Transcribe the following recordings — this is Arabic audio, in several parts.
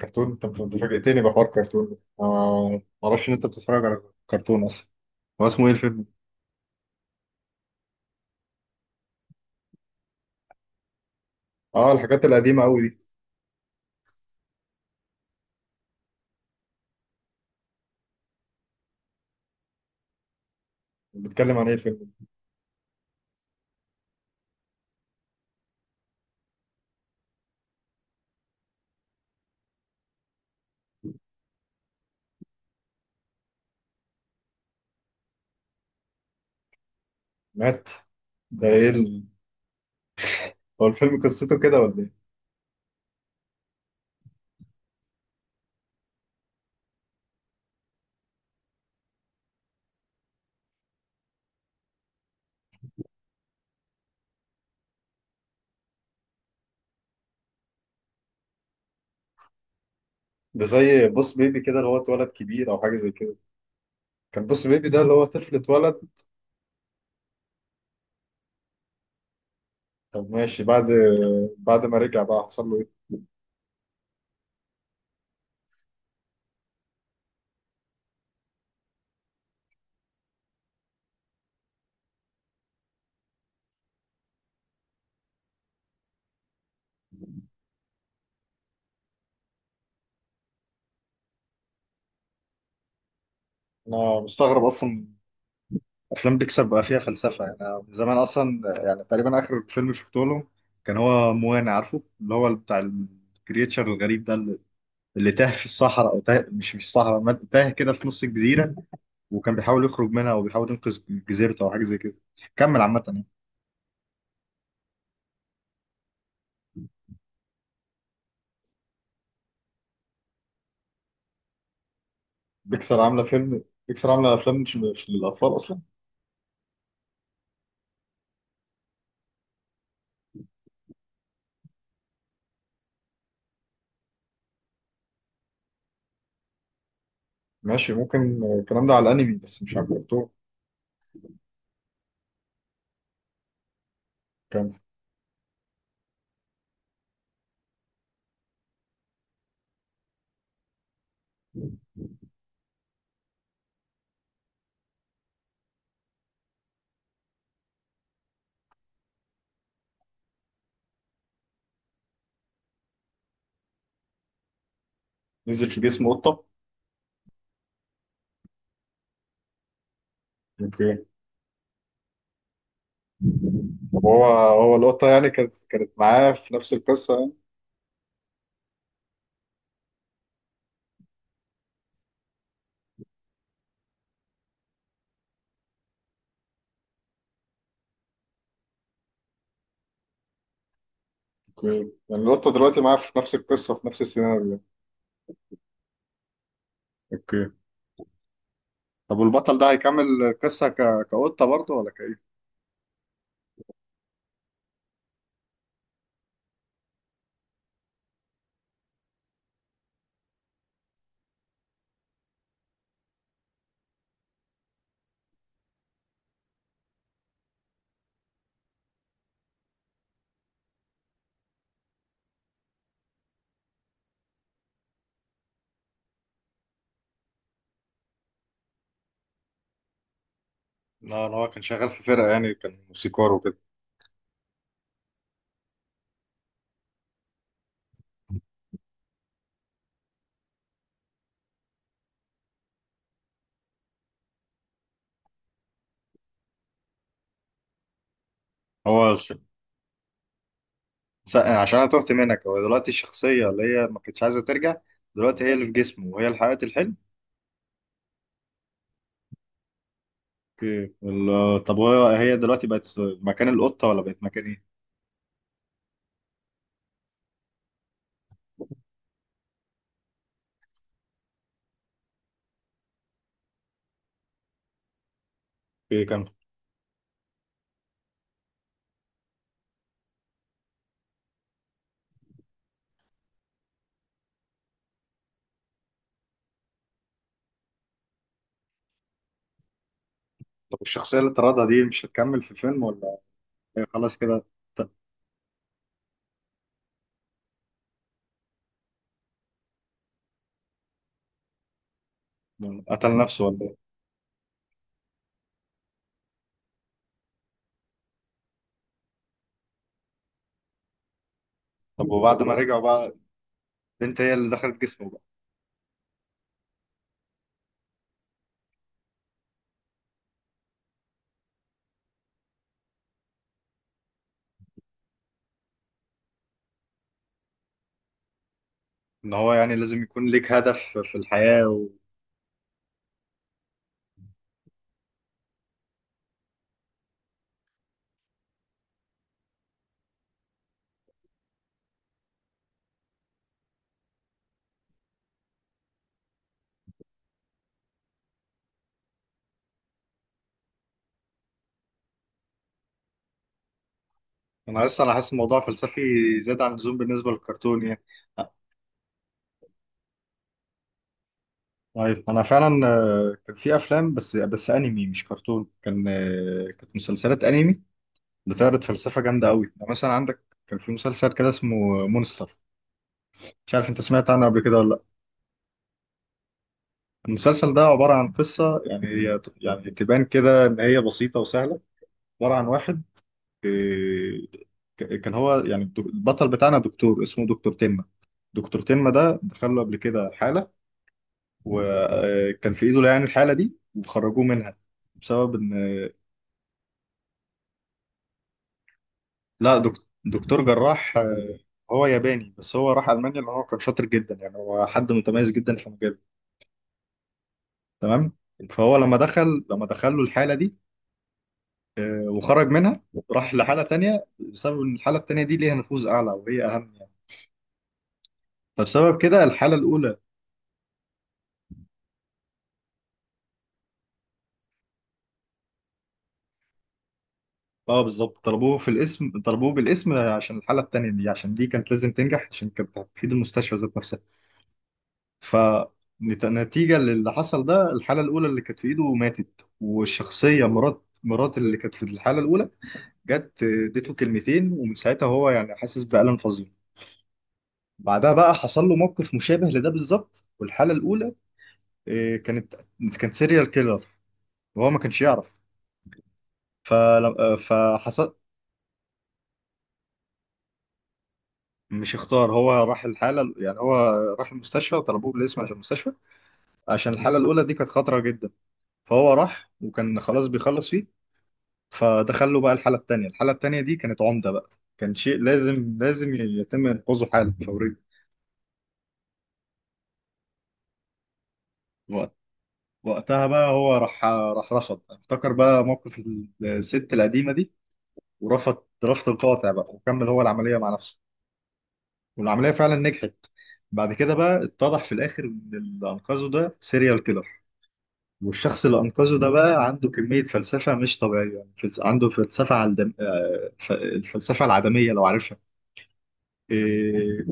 كرتون، طب انت فاجئتني بحوار كرتون، أنا ما اعرفش ان انت بتتفرج على كرتون اصلا. هو اسمه ايه الفيلم؟ اه، الحاجات القديمه قوي دي. بتتكلم عن ايه الفيلم؟ مات. ده ايه هو الفيلم قصته كده ولا ايه؟ ده زي بوس بيبي كده اللي هو اتولد كبير او حاجه زي كده. كان بوس بيبي ده اللي هو طفل اتولد. طب ماشي، بعد ما رجع بقى حصل له ايه؟ انا مستغرب اصلا، افلام بيكسار بقى فيها فلسفه يعني. أنا من زمان اصلا يعني تقريبا اخر فيلم شفته له كان هو موانا، عارفه اللي هو بتاع الكرياتشر الغريب ده، اللي اللي تاه في الصحراء او تاه مش صحراء، تاه كده في نص الجزيره، وكان بيحاول يخرج منها وبيحاول ينقذ جزيرته او حاجه زي كده. كمل عامه يعني. بيكسار عامله افلام مش للاطفال اصلا. ماشي، ممكن الكلام ده على الانمي بس مش على الكرتون. كان نزل في جسم قطه؟ اوكي. طب هو القطه يعني، كانت معاه في نفس القصه يعني؟ اوكي، يعني لوطة دلوقتي معاه في نفس القصة، في نفس السيناريو. اوكي. طب والبطل ده هيكمل القصة كقطة برضه ولا كايه؟ لا، هو كان شغال في فرقة يعني، كان موسيقار وكده. هو الش- عشان أنا تهت منك، هو دلوقتي الشخصية اللي هي ما كانتش عايزة ترجع، دلوقتي هي اللي في جسمه وهي اللي حققت الحلم؟ اوكي، طب هو، هي دلوقتي بقت مكان القطة ولا بقت مكان ايه؟ اوكي، كمل. طب الشخصية اللي طردها دي مش هتكمل في الفيلم ولا؟ هي خلاص كده؟ ت- قتل نفسه ولا ايه؟ طب وبعد ما رجعوا بقى. البنت هي اللي دخلت جسمه بقى؟ ان هو يعني لازم يكون ليك هدف في الحياة انا اصلا حاسس الموضوع فلسفي زيادة عن اللزوم بالنسبة للكرتون يعني. طيب، انا فعلا كان في افلام بس انمي مش كرتون، كانت مسلسلات انمي بتعرض فلسفة جامدة قوي يعني. مثلا عندك كان في مسلسل كده اسمه مونستر. مش عارف انت سمعت عنه قبل كده ولا لا؟ المسلسل ده عبارة عن قصة، يعني هي يعني تبان كده ان هي بسيطة وسهلة. عبارة عن واحد، إيه، كان هو يعني، البطل بتاعنا دكتور اسمه دكتور تمة. دكتور تمة ده دخل له قبل كده حالة، وكان في ايده يعني الحالة دي وخرجوه منها بسبب ان... لا، دكتور جراح. هو ياباني بس هو راح ألمانيا لأن هو كان شاطر جدا يعني، هو حد متميز جدا في مجاله. تمام. فهو لما دخل له الحالة دي وخرج منها، راح لحالة تانية بسبب ان الحالة التانية دي ليها نفوذ أعلى وهي أهم يعني. فبسبب كده الحالة الأولى... اه بالظبط، طلبوه في الاسم طلبوه بالاسم عشان الحالة التانية دي، عشان دي كانت لازم تنجح عشان كانت هتفيد المستشفى ذات نفسها. فنتيجة للي حصل ده الحالة الأولى اللي كانت في إيده ماتت، والشخصية مرات اللي كانت في الحالة الأولى جت اديته كلمتين، ومن ساعتها هو يعني حاسس بألم فظيع. بعدها بقى حصل له موقف مشابه لده بالظبط، والحالة الأولى آه، كانت كانت سيريال كيلر، وهو ما كانش يعرف. فلم... آه، فحصل. مش اختار، هو راح المستشفى طلبوه بالاسم عشان المستشفى، عشان الحالة الأولى دي كانت خطرة جدا. فهو راح وكان خلاص بيخلص فيه، فدخله بقى الحالة التانية. دي كانت عمدة بقى، كان شيء لازم يتم إنقاذه حالا فوريا. وقت- وقتها بقى هو راح رفض، افتكر بقى موقف الست القديمة دي، ورفض رفض قاطع بقى، وكمل هو العملية مع نفسه، والعملية فعلا نجحت. بعد كده بقى اتضح في الآخر إن اللي أنقذه ده سيريال كيلر، والشخص اللي أنقذه ده بقى عنده كمية فلسفة مش طبيعية يعني، عنده فلسفة على الفلسفة العدمية لو عارفها. إيه...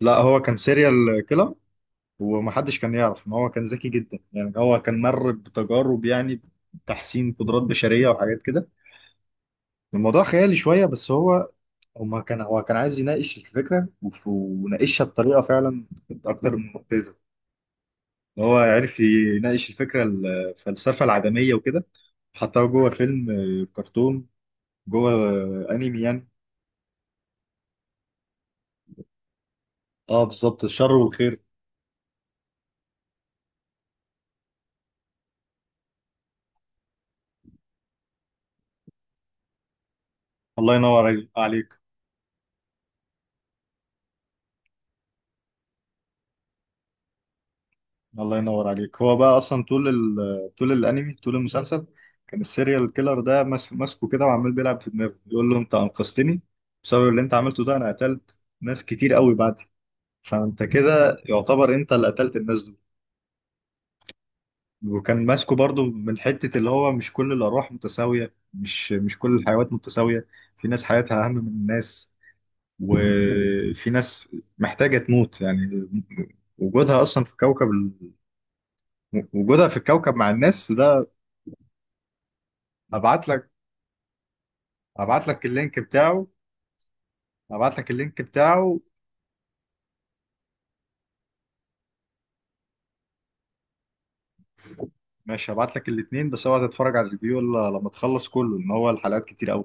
لا، هو كان سيريال كيلر، ومحدش كان يعرف إن هو كان ذكي جدا يعني، هو كان مر بتجارب يعني تحسين قدرات بشرية وحاجات كده. الموضوع خيالي شوية بس هو كان عايز يناقش الفكرة، وناقشها بطريقة فعلا كانت أكتر من مبتذلة. ان هو عرف يناقش الفكره الفلسفه العدميه وكده، حطها جوه فيلم كرتون، جوه انمي يعني. اه بالظبط، الشر والخير. الله ينور عليك. الله ينور عليك. هو بقى اصلا طول طول الانمي طول المسلسل، كان السيريال كيلر ده ماسكه كده وعمال بيلعب في دماغه يقول له: انت انقذتني، بسبب اللي انت عملته ده انا قتلت ناس كتير قوي بعدك، فانت كده يعتبر انت اللي قتلت الناس دول. وكان ماسكه برضو من حتة اللي هو مش كل الأرواح متساوية، مش كل الحيوانات متساوية، في ناس حياتها أهم من الناس، وفي ناس محتاجة تموت يعني، وجودها أصلا في كوكب وجودها في الكوكب مع الناس ده. أبعت لك. أبعت لك اللينك بتاعه أبعت لك اللينك بتاعه. ماشي، هبعت لك الاتنين، بس اوعى تتفرج على الفيديو إلا لما تخلص كله، إن هو الحلقات كتير أوي.